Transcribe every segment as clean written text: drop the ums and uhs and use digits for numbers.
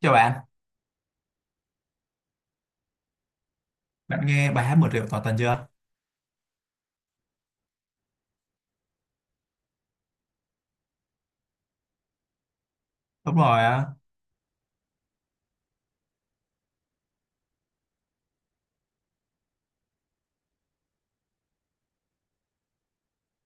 Chào bạn, bạn nghe bài hát Một triệu tỏ tình chưa? Đúng rồi á,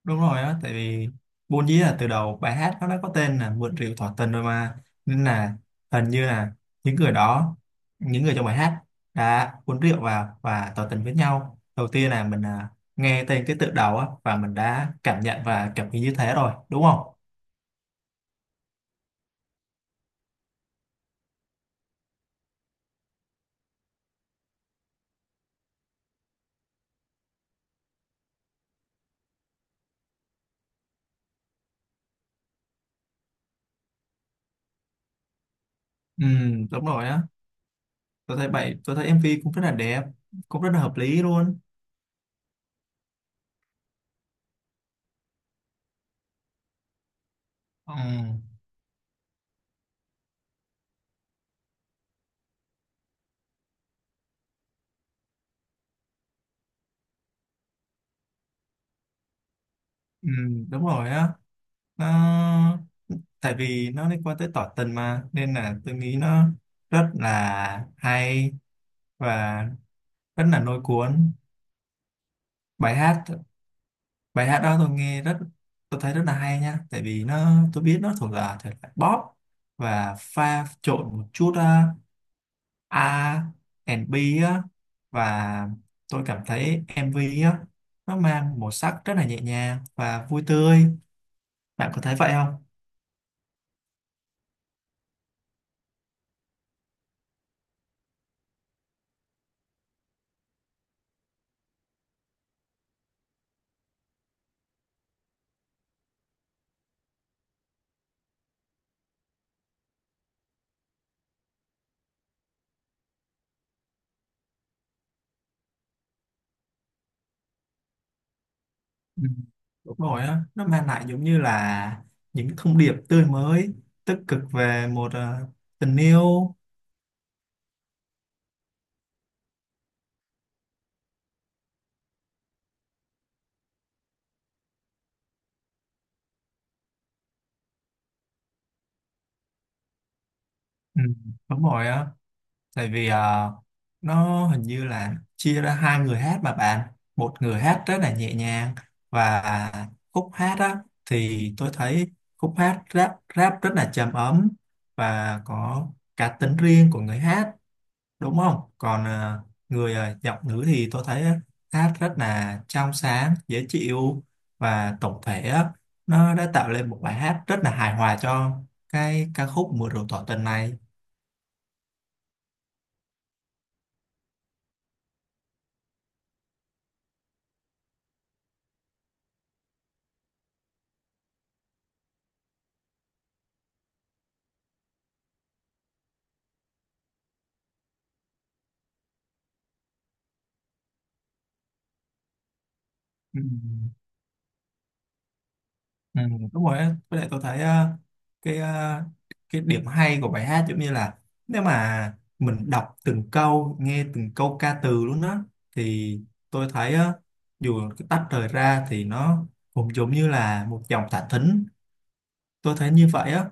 đúng rồi á, tại vì vốn dĩ là từ đầu bài hát nó đã có tên là Một triệu tỏ tình rồi mà, nên là hình như là những người đó, những người trong bài hát đã uống rượu vào và tỏ tình với nhau. Đầu tiên là mình nghe tên cái tựa đầu á và mình đã cảm nhận và cảm nghĩ như thế rồi, đúng không? Ừ, đúng rồi á. Tôi thấy MV cũng rất là đẹp, cũng rất là hợp lý luôn. Ừ, ừ, đúng rồi á. Nó Tại vì nó liên quan tới tỏ tình mà nên là tôi nghĩ nó rất là hay và rất là lôi cuốn. Bài hát bài hát đó tôi thấy rất là hay nha, tại vì nó tôi biết nó thuộc là thể loại pop và pha trộn một chút R&B á. Và tôi cảm thấy MV á, nó mang màu sắc rất là nhẹ nhàng và vui tươi. Bạn có thấy vậy không? Ừ, đúng rồi á, nó mang lại giống như là những thông điệp tươi mới, tích cực về một tình yêu. Ừ, đúng rồi á, tại vì nó hình như là chia ra hai người hát mà bạn, một người hát rất là nhẹ nhàng, và khúc hát á thì tôi thấy khúc hát rap rap rất là trầm ấm và có cá tính riêng của người hát. Đúng không? Còn giọng nữ thì tôi thấy á, hát rất là trong sáng dễ chịu, và tổng thể á, nó đã tạo lên một bài hát rất là hài hòa cho cái ca khúc mưa rượu tỏ tình này. Ừ. Ừ, đúng rồi á. Với lại tôi thấy cái ờ, cái điểm hay của bài hát giống như là, nếu mà mình đọc từng câu, nghe từng câu ca từ luôn á, thì tôi thấy á, dù cái tách rời ra thì nó cũng giống như là một dòng thả thính. Tôi thấy như vậy á.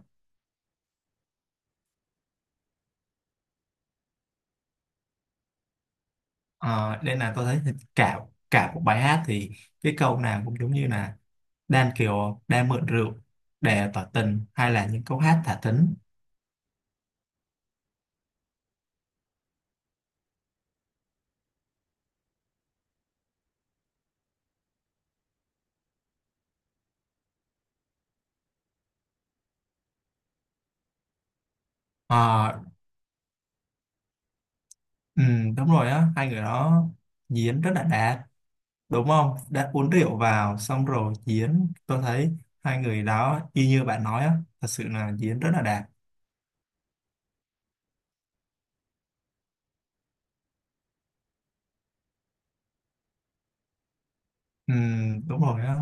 Ờ, nên là tôi thấy cả cả một bài hát thì cái câu nào cũng giống như là đan, kiểu đang mượn rượu để tỏ tình, hay là những câu hát thả thính. Ờ, ừ, đúng rồi á, hai người đó diễn rất là đạt, đúng không? Đã uống rượu vào xong rồi diễn, tôi thấy hai người đó y như bạn nói á, thật sự là diễn rất là đạt. Ừ, đúng rồi á.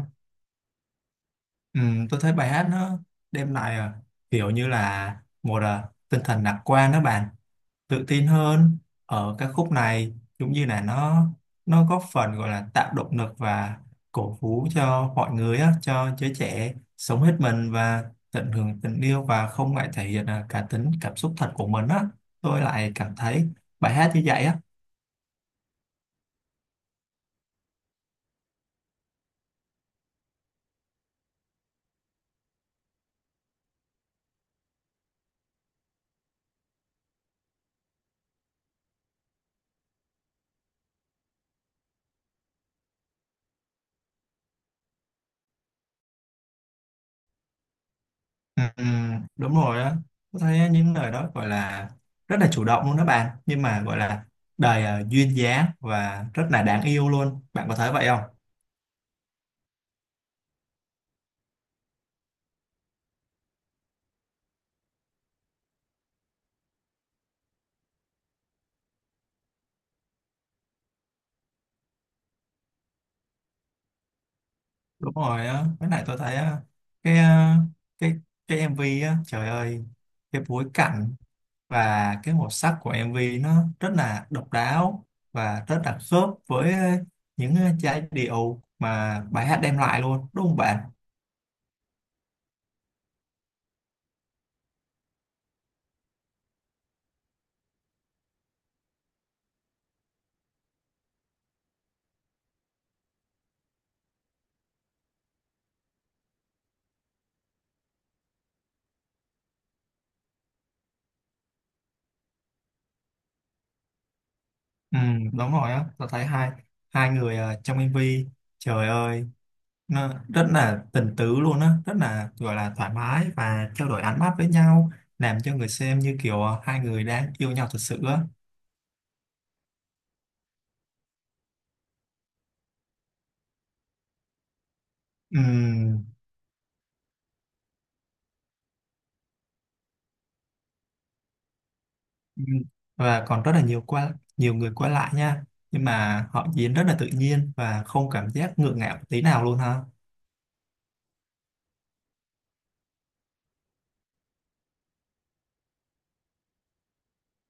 Ừ, tôi thấy bài hát nó đem lại, kiểu như là một tinh thần lạc quan đó bạn, tự tin hơn ở các khúc này, cũng như là nó góp phần gọi là tạo động lực và cổ vũ cho mọi người á, cho giới trẻ sống hết mình và tận hưởng tình yêu và không ngại thể hiện cá tính, cảm xúc thật của mình á. Tôi lại cảm thấy bài hát như vậy á. Ừ, ừ, đúng rồi á, tôi thấy những lời đó gọi là rất là chủ động luôn đó bạn, nhưng mà gọi là đầy duyên dáng và rất là đáng yêu luôn. Bạn có thấy vậy không? Đúng rồi á, với lại tôi thấy á, cái ờ, cái cái MV á, trời ơi, cái bối cảnh và cái màu sắc của MV nó rất là độc đáo và rất là khớp với những giai điệu mà bài hát đem lại luôn. Đúng không bạn? Ừ, đúng rồi á, tôi thấy hai hai người trong MV, trời ơi, nó rất là tình tứ luôn á, rất là gọi là thoải mái và trao đổi ánh mắt với nhau, làm cho người xem như kiểu hai người đang yêu nhau thật sự á. Ừ. Ừ. Và còn rất là nhiều qua, nhiều người qua lại nha, nhưng mà họ diễn rất là tự nhiên và không cảm giác ngượng ngạo tí nào luôn ha.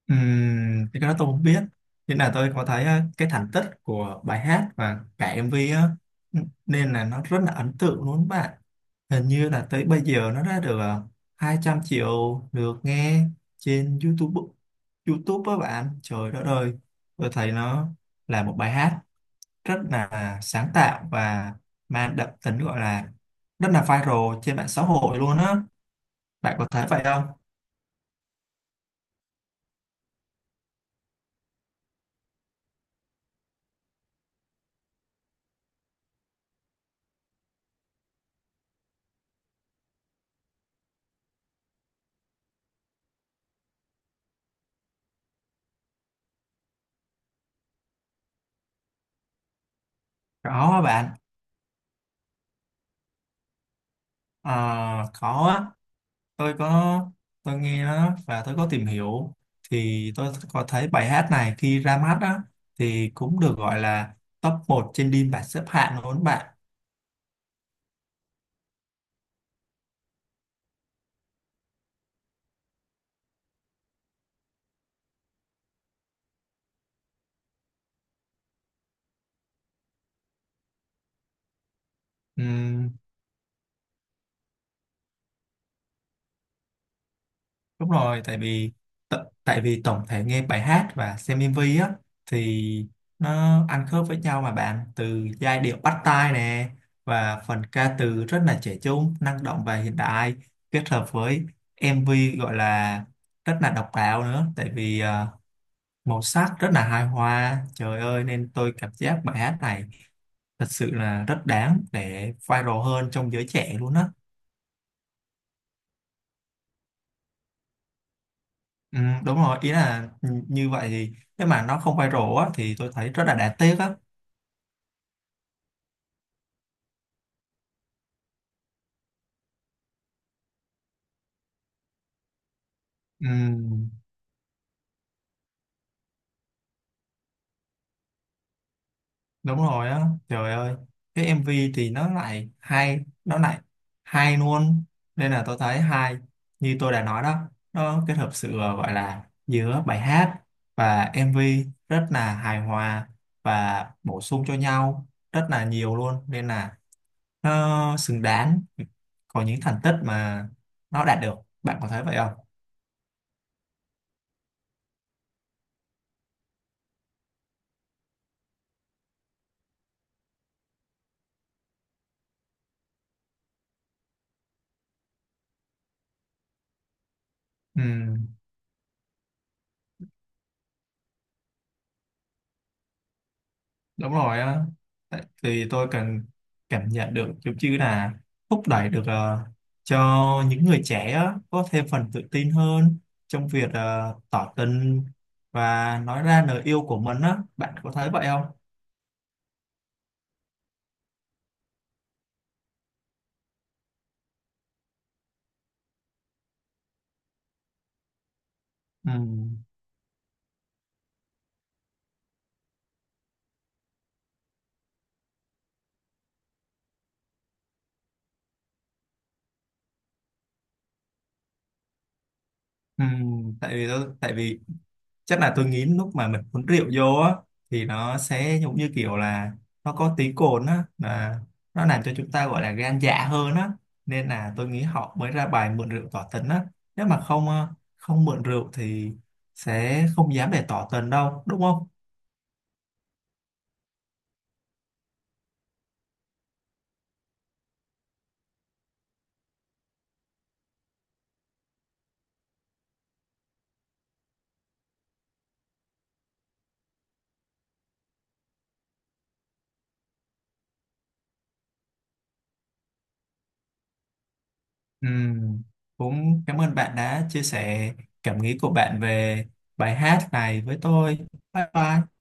Cái đó tôi không biết, nhưng là tôi có thấy cái thành tích của bài hát và cả MV á. Ừ, nên là nó rất là ấn tượng luôn bạn. Hình như là tới bây giờ nó đã được 200 triệu lượt nghe trên YouTube, á bạn, trời đất ơi, tôi thấy nó là một bài hát rất là sáng tạo và mang đậm tính, gọi là rất là viral trên mạng xã hội luôn á. Bạn có thấy vậy không? Có á bạn. Ờ, có á, tôi có, tôi nghe nó và tôi có tìm hiểu, thì tôi có thấy bài hát này khi ra mắt á thì cũng được gọi là top 1 trên đêm bảng xếp hạng luôn bạn. Đúng rồi, tại vì tại vì tổng thể nghe bài hát và xem MV á thì nó ăn khớp với nhau mà bạn, từ giai điệu bắt tai nè, và phần ca từ rất là trẻ trung, năng động và hiện đại, kết hợp với MV gọi là rất là độc đáo nữa, tại vì màu sắc rất là hài hòa. Trời ơi, nên tôi cảm giác bài hát này thật sự là rất đáng để viral hơn trong giới trẻ luôn á. Ừ, đúng rồi, ý là như vậy thì nếu mà nó không viral á thì tôi thấy rất là đáng tiếc á. Ừ, đúng rồi á, trời ơi, cái MV thì nó lại hay, nó lại hay luôn, nên là tôi thấy hay, như tôi đã nói đó, nó kết hợp sự gọi là giữa bài hát và MV rất là hài hòa và bổ sung cho nhau rất là nhiều luôn, nên là nó xứng đáng có những thành tích mà nó đạt được. Bạn có thấy vậy không? Ừ, đúng rồi á. Thì tôi cần cảm nhận được giống như là thúc đẩy được cho những người trẻ á, có thêm phần tự tin hơn trong việc tỏ tình và nói ra lời yêu của mình á. Bạn có thấy vậy không? Ừ. Ừ. Tại vì tại vì chắc là tôi nghĩ lúc mà mình uống rượu vô á thì nó sẽ giống như kiểu là, nó có tí cồn á, là nó làm cho chúng ta gọi là gan dạ hơn á, nên là tôi nghĩ họ mới ra bài mượn rượu tỏ tình á. Nếu mà không ờ, không mượn rượu thì sẽ không dám để tỏ tình đâu, đúng không? Ừ, cũng cảm ơn bạn đã chia sẻ cảm nghĩ của bạn về bài hát này với tôi. Bye bye.